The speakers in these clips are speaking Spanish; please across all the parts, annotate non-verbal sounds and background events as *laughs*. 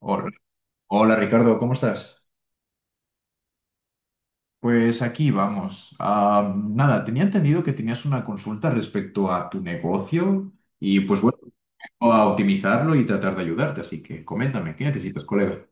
Hola, hola, Ricardo, ¿cómo estás? Pues aquí vamos. Nada, tenía entendido que tenías una consulta respecto a tu negocio y pues bueno, vengo a optimizarlo y tratar de ayudarte, así que coméntame, ¿qué necesitas, colega?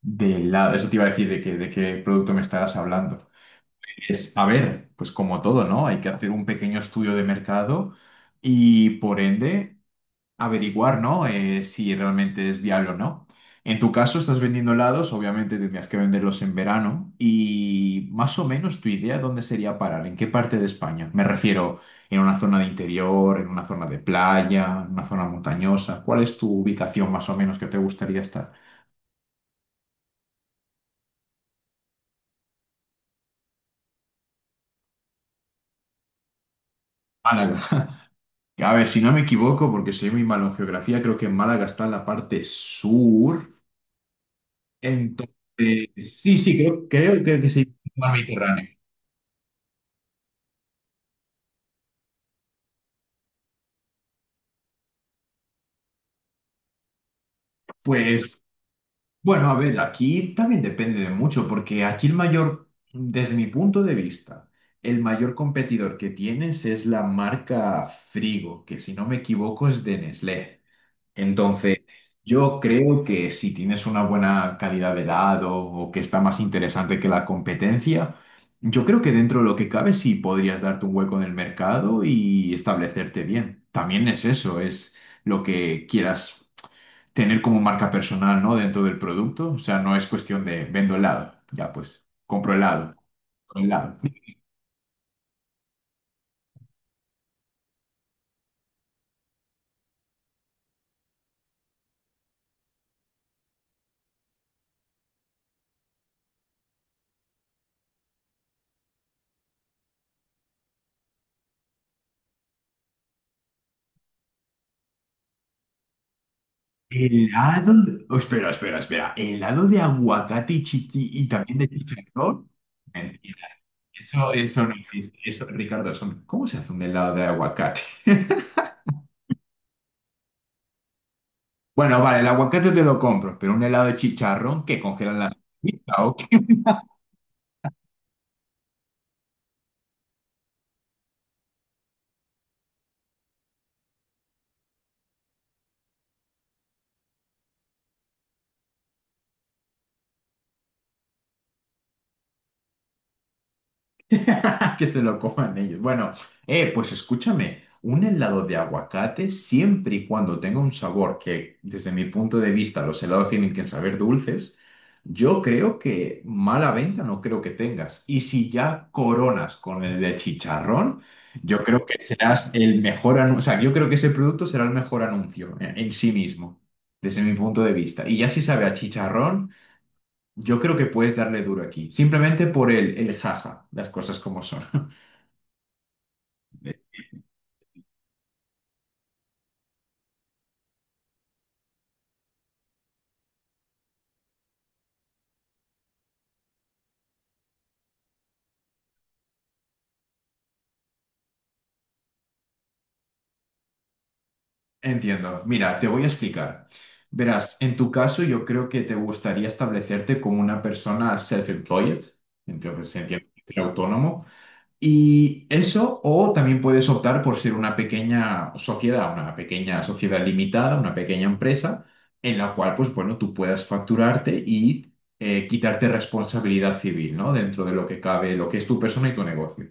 De la... Eso te iba a decir de qué producto me estabas hablando. Es, a ver, pues como todo, ¿no? Hay que hacer un pequeño estudio de mercado y por ende... averiguar, ¿no? Si realmente es viable o no. En tu caso, estás vendiendo helados, obviamente tendrías que venderlos en verano. Y más o menos tu idea, ¿dónde sería parar? ¿En qué parte de España? Me refiero, ¿en una zona de interior, en una zona de playa, en una zona montañosa? ¿Cuál es tu ubicación más o menos que te gustaría estar? Málaga. *laughs* A ver, si no me equivoco, porque soy muy malo en geografía, creo que Málaga está en la parte sur. Entonces, sí, sí, creo que sí, mar Mediterráneo. Pues Bueno, a ver, aquí también depende de mucho, porque aquí el mayor, desde mi punto de vista, el mayor competidor que tienes es la marca Frigo, que si no me equivoco es de Nestlé. Entonces, yo creo que si tienes una buena calidad de helado o que está más interesante que la competencia, yo creo que dentro de lo que cabe sí podrías darte un hueco en el mercado y establecerte bien. También es eso, es lo que quieras tener como marca personal, ¿no? Dentro del producto. O sea, no es cuestión de vendo helado. Ya, pues, compro helado. compro Helado. Oh, espera, espera, espera. Helado de aguacate y también de chicharrón. Mentira. Eso no existe. Eso, Ricardo, eso no- ¿cómo se hace un helado de aguacate? *laughs* Bueno, vale, el aguacate te lo compro, pero un helado de chicharrón que congelan la. *laughs* ¿O qué? *laughs* Que se lo coman ellos. Bueno, pues escúchame, un helado de aguacate siempre y cuando tenga un sabor que, desde mi punto de vista, los helados tienen que saber dulces, yo creo que mala venta no creo que tengas. Y si ya coronas con el de chicharrón, yo creo que serás el mejor anuncio, o sea, yo creo que ese producto será el mejor anuncio en sí mismo, desde mi punto de vista. Y ya si sabe a chicharrón. Yo creo que puedes darle duro aquí, simplemente por el jaja, las cosas como son. *laughs* Entiendo. Mira, te voy a explicar. Verás, en tu caso yo creo que te gustaría establecerte como una persona self-employed, entonces entiendo que eres autónomo, y eso, o también puedes optar por ser una pequeña sociedad limitada, una pequeña empresa, en la cual, pues bueno, tú puedas facturarte y quitarte responsabilidad civil, ¿no? Dentro de lo que cabe, lo que es tu persona y tu negocio.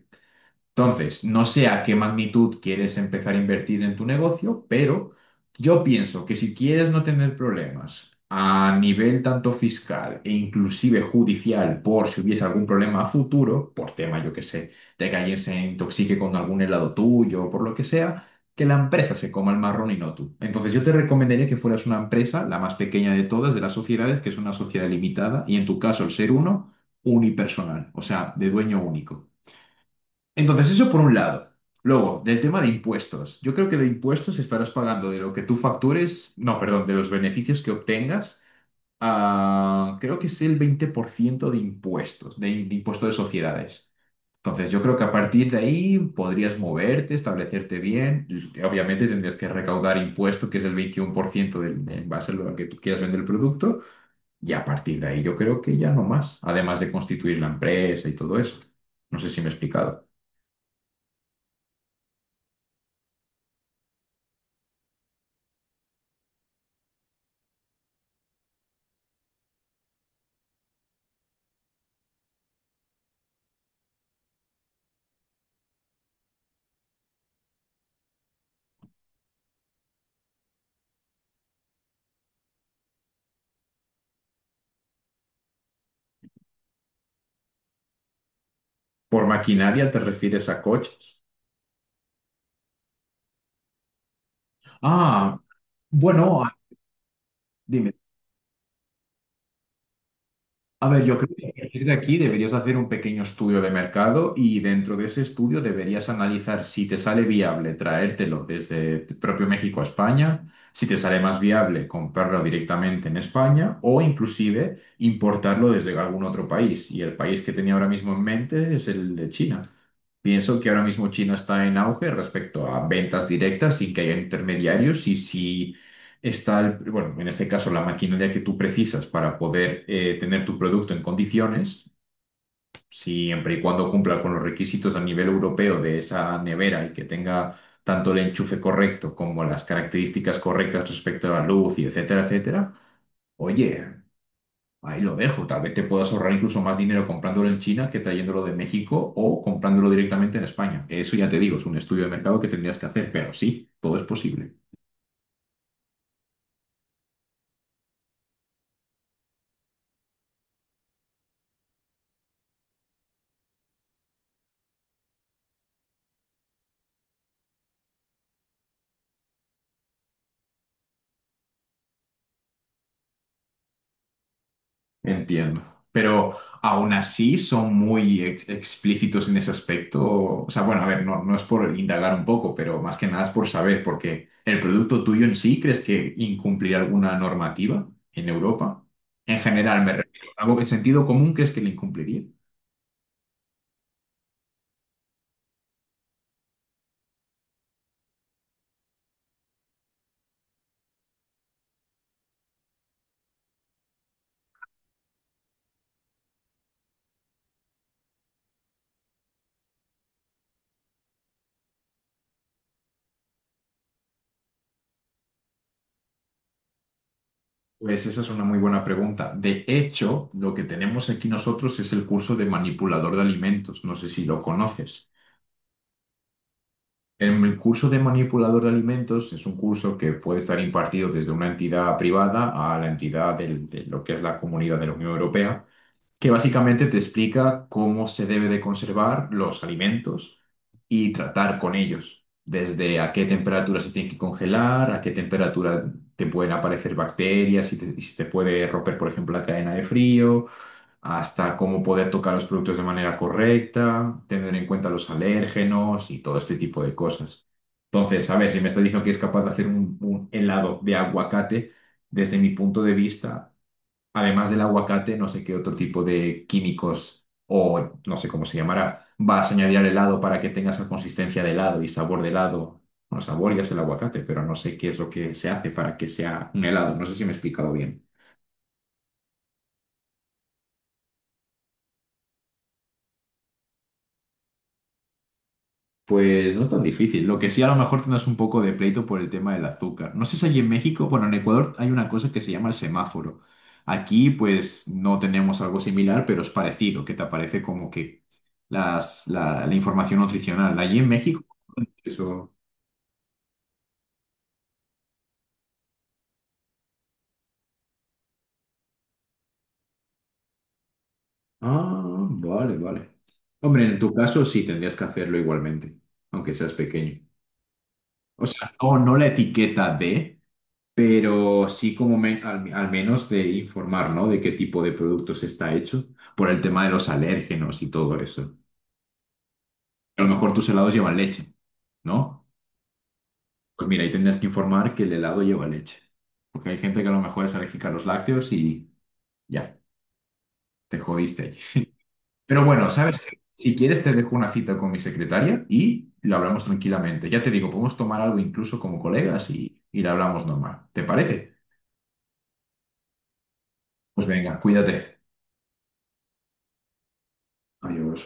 Entonces, no sé a qué magnitud quieres empezar a invertir en tu negocio, pero yo pienso que si quieres no tener problemas a nivel tanto fiscal e inclusive judicial por si hubiese algún problema a futuro, por tema, yo qué sé, de que alguien se intoxique con algún helado tuyo o por lo que sea, que la empresa se coma el marrón y no tú. Entonces, yo te recomendaría que fueras una empresa, la más pequeña de todas, de las sociedades, que es una sociedad limitada, y en tu caso, unipersonal, o sea, de dueño único. Entonces, eso por un lado. Luego, del tema de impuestos. Yo creo que de impuestos estarás pagando de lo que tú factures, no, perdón, de los beneficios que obtengas, creo que es el 20% de impuestos, de impuesto de sociedades. Entonces, yo creo que a partir de ahí podrías moverte, establecerte bien. Y obviamente tendrías que recaudar impuesto, que es el 21% del, en base a lo que tú quieras vender el producto. Y a partir de ahí yo creo que ya no más, además de constituir la empresa y todo eso. No sé si me he explicado. Por maquinaria te refieres a coches. Ah, bueno, a- Dime. A ver, yo creo que a partir de aquí deberías hacer un pequeño estudio de mercado y dentro de ese estudio deberías analizar si te sale viable traértelo desde propio México a España, si te sale más viable comprarlo directamente en España o inclusive importarlo desde algún otro país. Y el país que tenía ahora mismo en mente es el de China. Pienso que ahora mismo China está en auge respecto a ventas directas sin que haya intermediarios y si está, bueno, en este caso la maquinaria que tú precisas para poder tener tu producto en condiciones, siempre y cuando cumpla con los requisitos a nivel europeo de esa nevera y que tenga tanto el enchufe correcto como las características correctas respecto a la luz y etcétera, etcétera. Oye, Ahí lo dejo. Tal vez te puedas ahorrar incluso más dinero comprándolo en China que trayéndolo de México o comprándolo directamente en España. Eso ya te digo, es un estudio de mercado que tendrías que hacer, pero sí, todo es posible. Entiendo. Pero aún así son muy explícitos en ese aspecto. O sea, bueno, a ver, no, no es por indagar un poco, pero más que nada es por saber, porque el producto tuyo en sí, ¿crees que incumplirá alguna normativa en Europa? En general, me refiero. ¿Algo en sentido común crees que le incumpliría? Pues esa es una muy buena pregunta. De hecho, lo que tenemos aquí nosotros es el curso de manipulador de alimentos. No sé si lo conoces. En El curso de manipulador de alimentos es un curso que puede estar impartido desde una entidad privada a la entidad de lo que es la comunidad de la Unión Europea que básicamente te explica cómo se debe de conservar los alimentos y tratar con ellos, desde a qué temperatura se tienen que congelar, a qué temperatura te pueden aparecer bacterias y, y si te puede romper, por ejemplo, la cadena de frío, hasta cómo poder tocar los productos de manera correcta, tener en cuenta los alérgenos y todo este tipo de cosas. Entonces, a ver, si me estás diciendo que es capaz de hacer un helado de aguacate, desde mi punto de vista, además del aguacate, no sé qué otro tipo de químicos o no sé cómo se llamará, vas a añadir al helado para que tenga esa consistencia de helado y sabor de helado. Bueno, sabor ya es el aguacate, pero no sé qué es lo que se hace para que sea un helado. No sé si me he explicado bien. Pues no es tan difícil. Lo que sí a lo mejor tendrás un poco de pleito por el tema del azúcar. No sé si allí en México, bueno, en Ecuador hay una cosa que se llama el semáforo. Aquí pues no tenemos algo similar, pero es parecido, que te aparece como que las, la información nutricional. Allí en México... Eso. Ah, vale, vale. Hombre, en tu caso sí tendrías que hacerlo igualmente, aunque seas pequeño. O sea, no, no la etiqueta de, pero sí como al, al menos de informar, ¿no? De qué tipo de productos está hecho, por el tema de los alérgenos y todo eso. A lo mejor tus helados llevan leche, ¿no? Pues mira, ahí tendrías que informar que el helado lleva leche. Porque hay gente que a lo mejor es alérgica a los lácteos y ya, te jodiste. Pero bueno, ¿sabes qué? Si quieres, te dejo una cita con mi secretaria y lo hablamos tranquilamente. Ya te digo, podemos tomar algo incluso como colegas y lo hablamos normal. ¿Te parece? Pues venga, cuídate. Adiós.